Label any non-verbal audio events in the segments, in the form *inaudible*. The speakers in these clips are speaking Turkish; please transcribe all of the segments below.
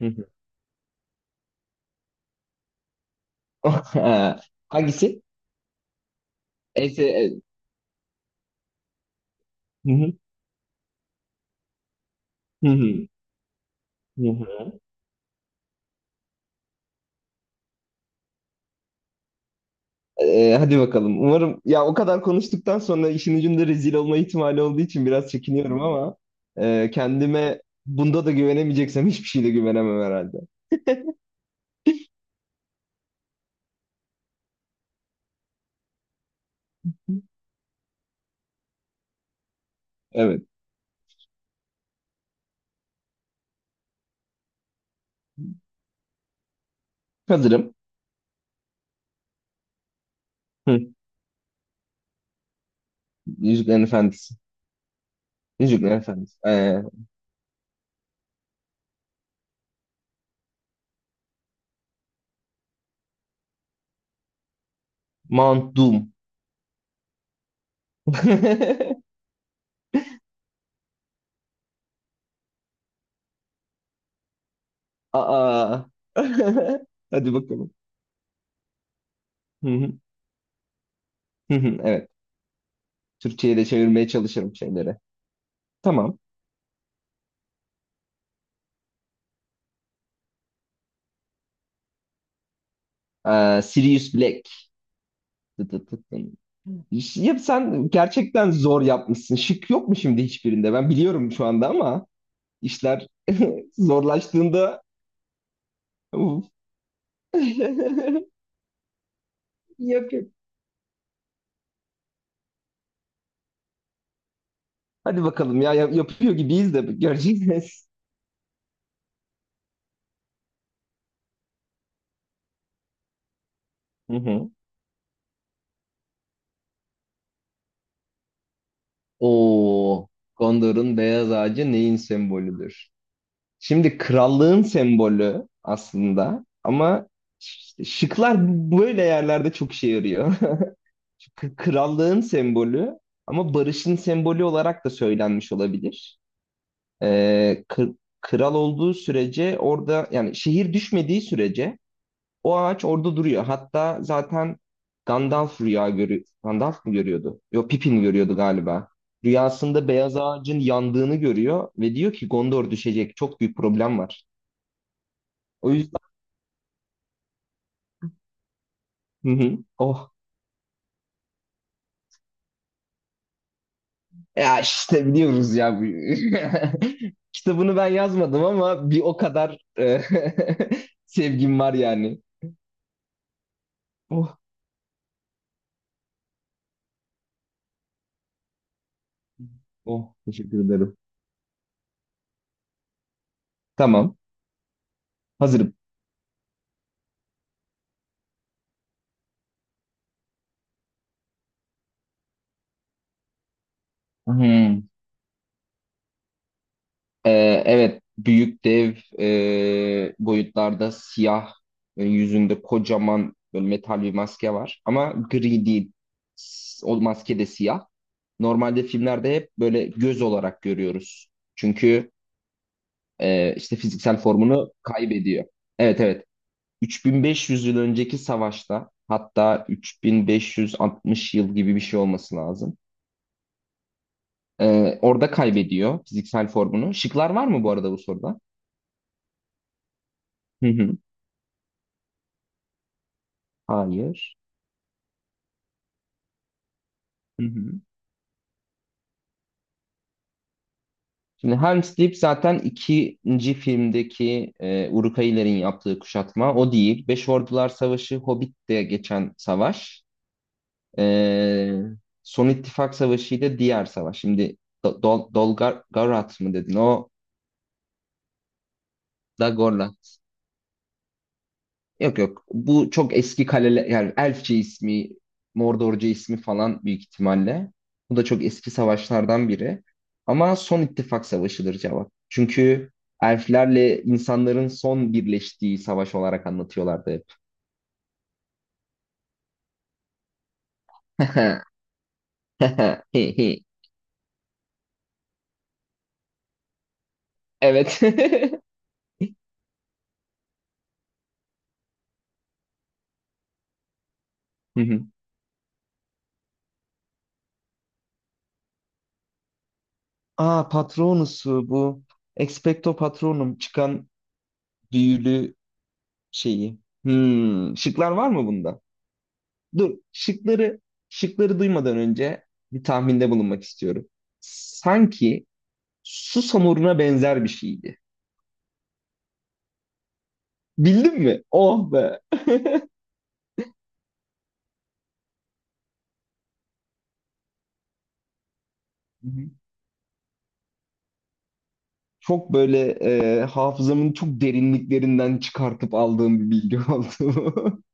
Hı hı. *laughs* Ha, hangisi? Ense... Hı hı. Hı hı. Hı hı. Hadi bakalım. Umarım ya o kadar konuştuktan sonra işin ucunda rezil olma ihtimali olduğu için biraz çekiniyorum ama kendime bunda da güvenemeyeceksem hiçbir şeyde güvenemem herhalde. Evet. Hazırım. Hı. Yüzüklerin Efendisi. Yüzüklerin Efendisi. Mount Doom. *laughs* Aa. *laughs* Hadi bakalım. Hı hı. Hı hı. Evet. Türkçe'ye de çevirmeye çalışırım şeyleri. Tamam. Sirius Black. Tı tı tı tı. Ya sen gerçekten zor yapmışsın. Şık yok mu şimdi hiçbirinde? Ben biliyorum şu anda ama işler *laughs* zorlaştığında uf. *laughs* Yok yok. Hadi bakalım ya yapıyor gibiyiz de göreceğiz. Hı hı. Oo, Gondor'un beyaz ağacı neyin sembolüdür? Şimdi krallığın sembolü aslında ama işte şıklar böyle yerlerde çok işe yarıyor. *laughs* Krallığın sembolü ama barışın sembolü olarak da söylenmiş olabilir. Kral olduğu sürece orada yani şehir düşmediği sürece o ağaç orada duruyor. Hatta zaten Gandalf rüya görüyor. Gandalf mı görüyordu? Yok, Pippin görüyordu galiba. Rüyasında beyaz ağacın yandığını görüyor ve diyor ki Gondor düşecek. Çok büyük problem var. O yüzden *laughs* hı hı. Oh, ya işte biliyoruz ya. *laughs* Kitabını ben yazmadım ama bir o kadar *laughs* sevgim var yani. Oh, oh, teşekkür ederim. Tamam, hazırım. Hmm. E, evet, büyük dev boyutlarda siyah, yüzünde kocaman böyle metal bir maske var. Ama gri değil. O maske de siyah. Normalde filmlerde hep böyle göz olarak görüyoruz. Çünkü işte fiziksel formunu kaybediyor. Evet, evet. 3500 yıl önceki savaşta hatta 3560 yıl gibi bir şey olması lazım. E, Orada kaybediyor fiziksel formunu. Şıklar var mı bu arada bu soruda? Hı hı. Hayır. Hı hı. Şimdi Helm's Deep zaten ikinci filmdeki Uruk-hai yaptığı kuşatma. O değil. Beş Ordular Savaşı, Hobbit'te geçen savaş. Ee, Son İttifak Savaşı ile diğer savaş. Şimdi Dol Dolgarat mı dedin? O da Gorlat. Yok yok. Bu çok eski kaleler, yani Elfçe ismi, Mordorca ismi falan büyük ihtimalle. Bu da çok eski savaşlardan biri. Ama Son ittifak Savaşı'dır cevap. Çünkü elflerle insanların son birleştiği savaş olarak anlatıyorlardı hep. *laughs* Evet. *laughs* Aa, Patronus'u bu. Expecto Patronum çıkan büyülü şeyi. Hmm, şıklar var mı bunda? Dur, şıkları duymadan önce bir tahminde bulunmak istiyorum. Sanki su samuruna benzer bir şeydi. Bildin mi? Oh be. Hı hı. Çok böyle hafızamın çok derinliklerinden çıkartıp aldığım bir bilgi oldu. *laughs*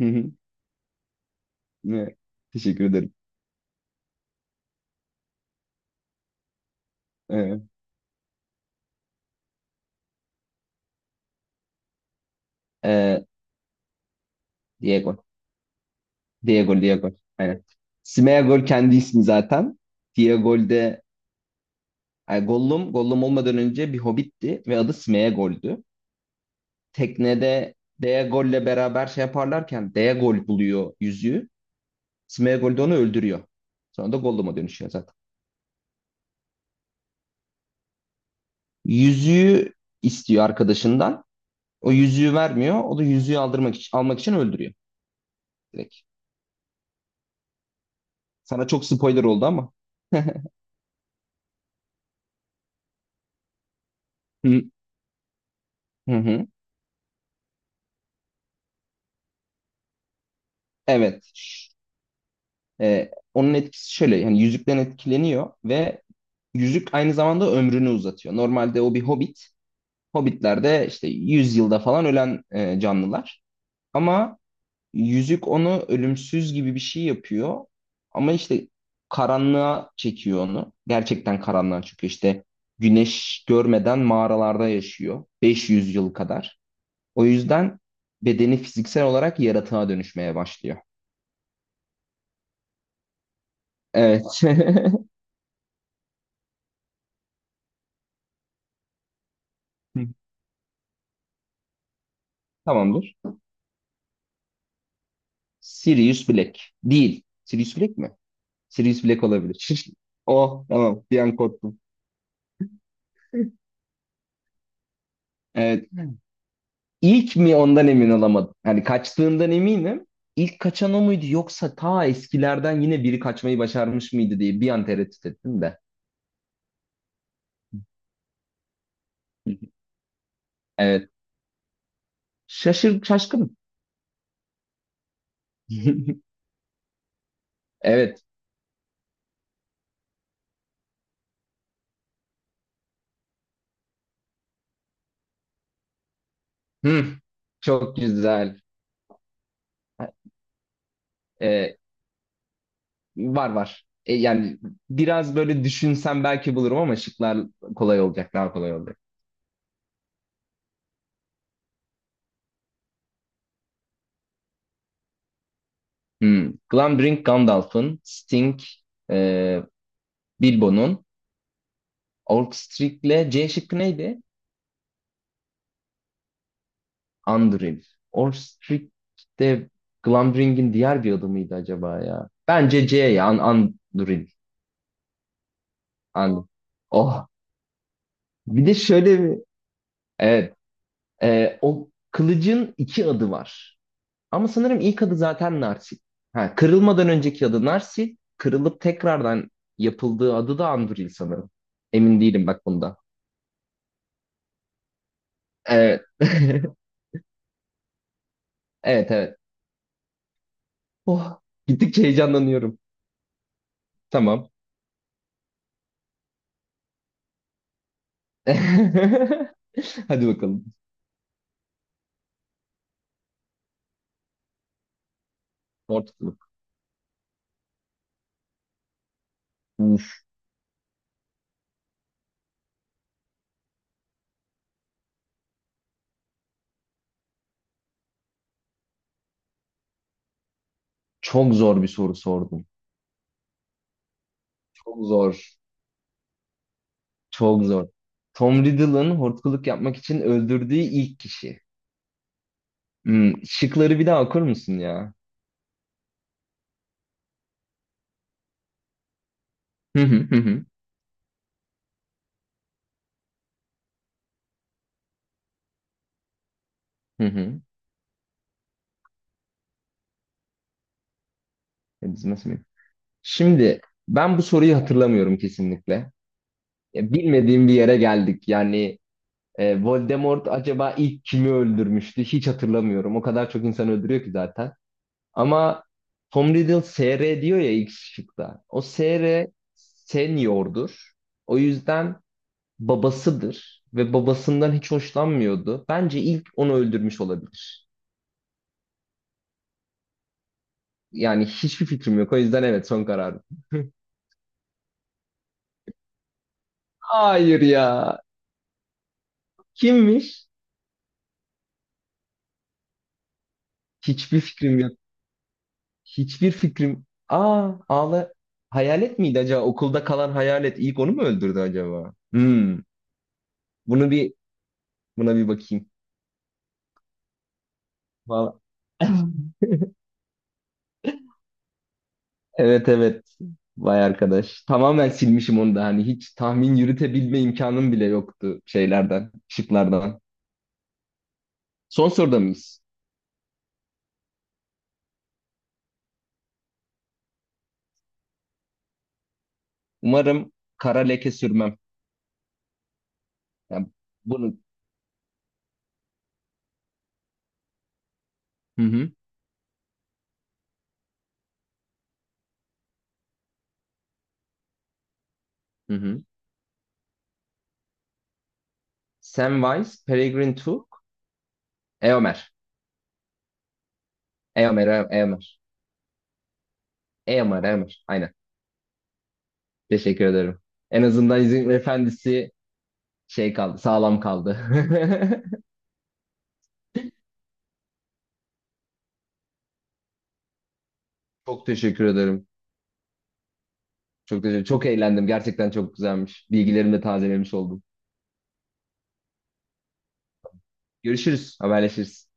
Hı hı. Evet, teşekkür ederim. Evet. Ee, Diego. Diego, Diego. Aynen. Smeagol kendi ismi zaten. Diegol de yani Gollum, Gollum olmadan önce bir hobbitti ve adı Smeagol'dü. Teknede Diegol'le beraber şey yaparlarken Diegol buluyor yüzüğü. Smeagol de onu öldürüyor. Sonra da Gollum'a dönüşüyor zaten. Yüzüğü istiyor arkadaşından. O yüzüğü vermiyor. O da yüzüğü aldırmak için, almak için öldürüyor direkt. Sana çok spoiler oldu ama. *laughs* Hı hı. Hı. Evet. Onun etkisi şöyle, yani yüzükten etkileniyor ve yüzük aynı zamanda ömrünü uzatıyor. Normalde o bir hobbit. Hobbitlerde işte 100 yılda falan ölen canlılar. Ama yüzük onu ölümsüz gibi bir şey yapıyor. Ama işte karanlığa çekiyor onu. Gerçekten karanlığa çekiyor. İşte güneş görmeden mağaralarda yaşıyor. 500 yıl kadar. O yüzden bedeni fiziksel olarak yaratığa dönüşmeye başlıyor. Evet. *laughs* Tamamdır. Sirius Black. Değil. Sirius Black mi? Sirius Black olabilir. *laughs* Oh, tamam, bir an korktum. Evet. İlk mi ondan emin olamadım. Yani kaçtığından eminim. İlk kaçan o muydu, yoksa ta eskilerden yine biri kaçmayı başarmış mıydı diye bir an tereddüt ettim de. Evet. Şaşır, şaşkın. *laughs* Evet. Hı. Çok güzel. Ee, Var var. Yani biraz böyle düşünsem belki bulurum ama şıklar kolay olacak, daha kolay olacak. Hmm. Glambrink Gandalf'ın, Sting, e, Bilbo'nun, Orcstric'le C şıkkı neydi? Anduril. Orcstric de Glambrink'in diğer bir adı mıydı acaba ya? Bence C ya. An Anduril. An, oh. Bir de şöyle bir... Evet. O kılıcın iki adı var. Ama sanırım ilk adı zaten Narsil. Ha, kırılmadan önceki adı Narsil. Kırılıp tekrardan yapıldığı adı da Anduril sanırım. Emin değilim bak bunda. Evet. *laughs* Evet, evet. Oh, gittikçe heyecanlanıyorum. Tamam. *laughs* Hadi bakalım. Hortculus. Uf, çok zor bir soru sordum. Çok zor. Çok zor. Tom Riddle'ın hortkuluk yapmak için öldürdüğü ilk kişi. Hmm, şıkları bir daha okur musun ya? Hı hı, hı hı. Hı hı. Ya biz nasıl bil- Şimdi ben bu soruyu hatırlamıyorum kesinlikle. Ya, bilmediğim bir yere geldik. Yani Voldemort acaba ilk kimi öldürmüştü? Hiç hatırlamıyorum. O kadar çok insan öldürüyor ki zaten. Ama Tom Riddle SR diyor ya ilk şıkta. O SR seniordur. O yüzden babasıdır ve babasından hiç hoşlanmıyordu. Bence ilk onu öldürmüş olabilir. Yani hiçbir fikrim yok. O yüzden evet, son kararım. *laughs* Hayır ya. Kimmiş? Hiçbir fikrim yok. Hiçbir fikrim. Aa, ağla. Hayalet miydi acaba? Okulda kalan hayalet ilk onu mu öldürdü acaba? Hmm. Bunu bir Buna bir bakayım. Vallahi. *laughs* Evet, evet. Vay arkadaş. Tamamen silmişim onu da. Hani hiç tahmin yürütebilme imkanım bile yoktu şeylerden, şıklardan. Son soruda mıyız? Umarım kara leke sürmem. Yani bunu... Hı hı, hı hı. Samwise, Peregrine Took, Eomer. Eomer, Eomer. Eomer, Eomer. Eomer. Aynen. Teşekkür ederim. En azından İzin Efendisi şey kaldı, sağlam kaldı. *laughs* Çok teşekkür ederim. Çok teşekkür, çok eğlendim. Gerçekten çok güzelmiş. Bilgilerimi de tazelemiş oldum. Görüşürüz, haberleşiriz.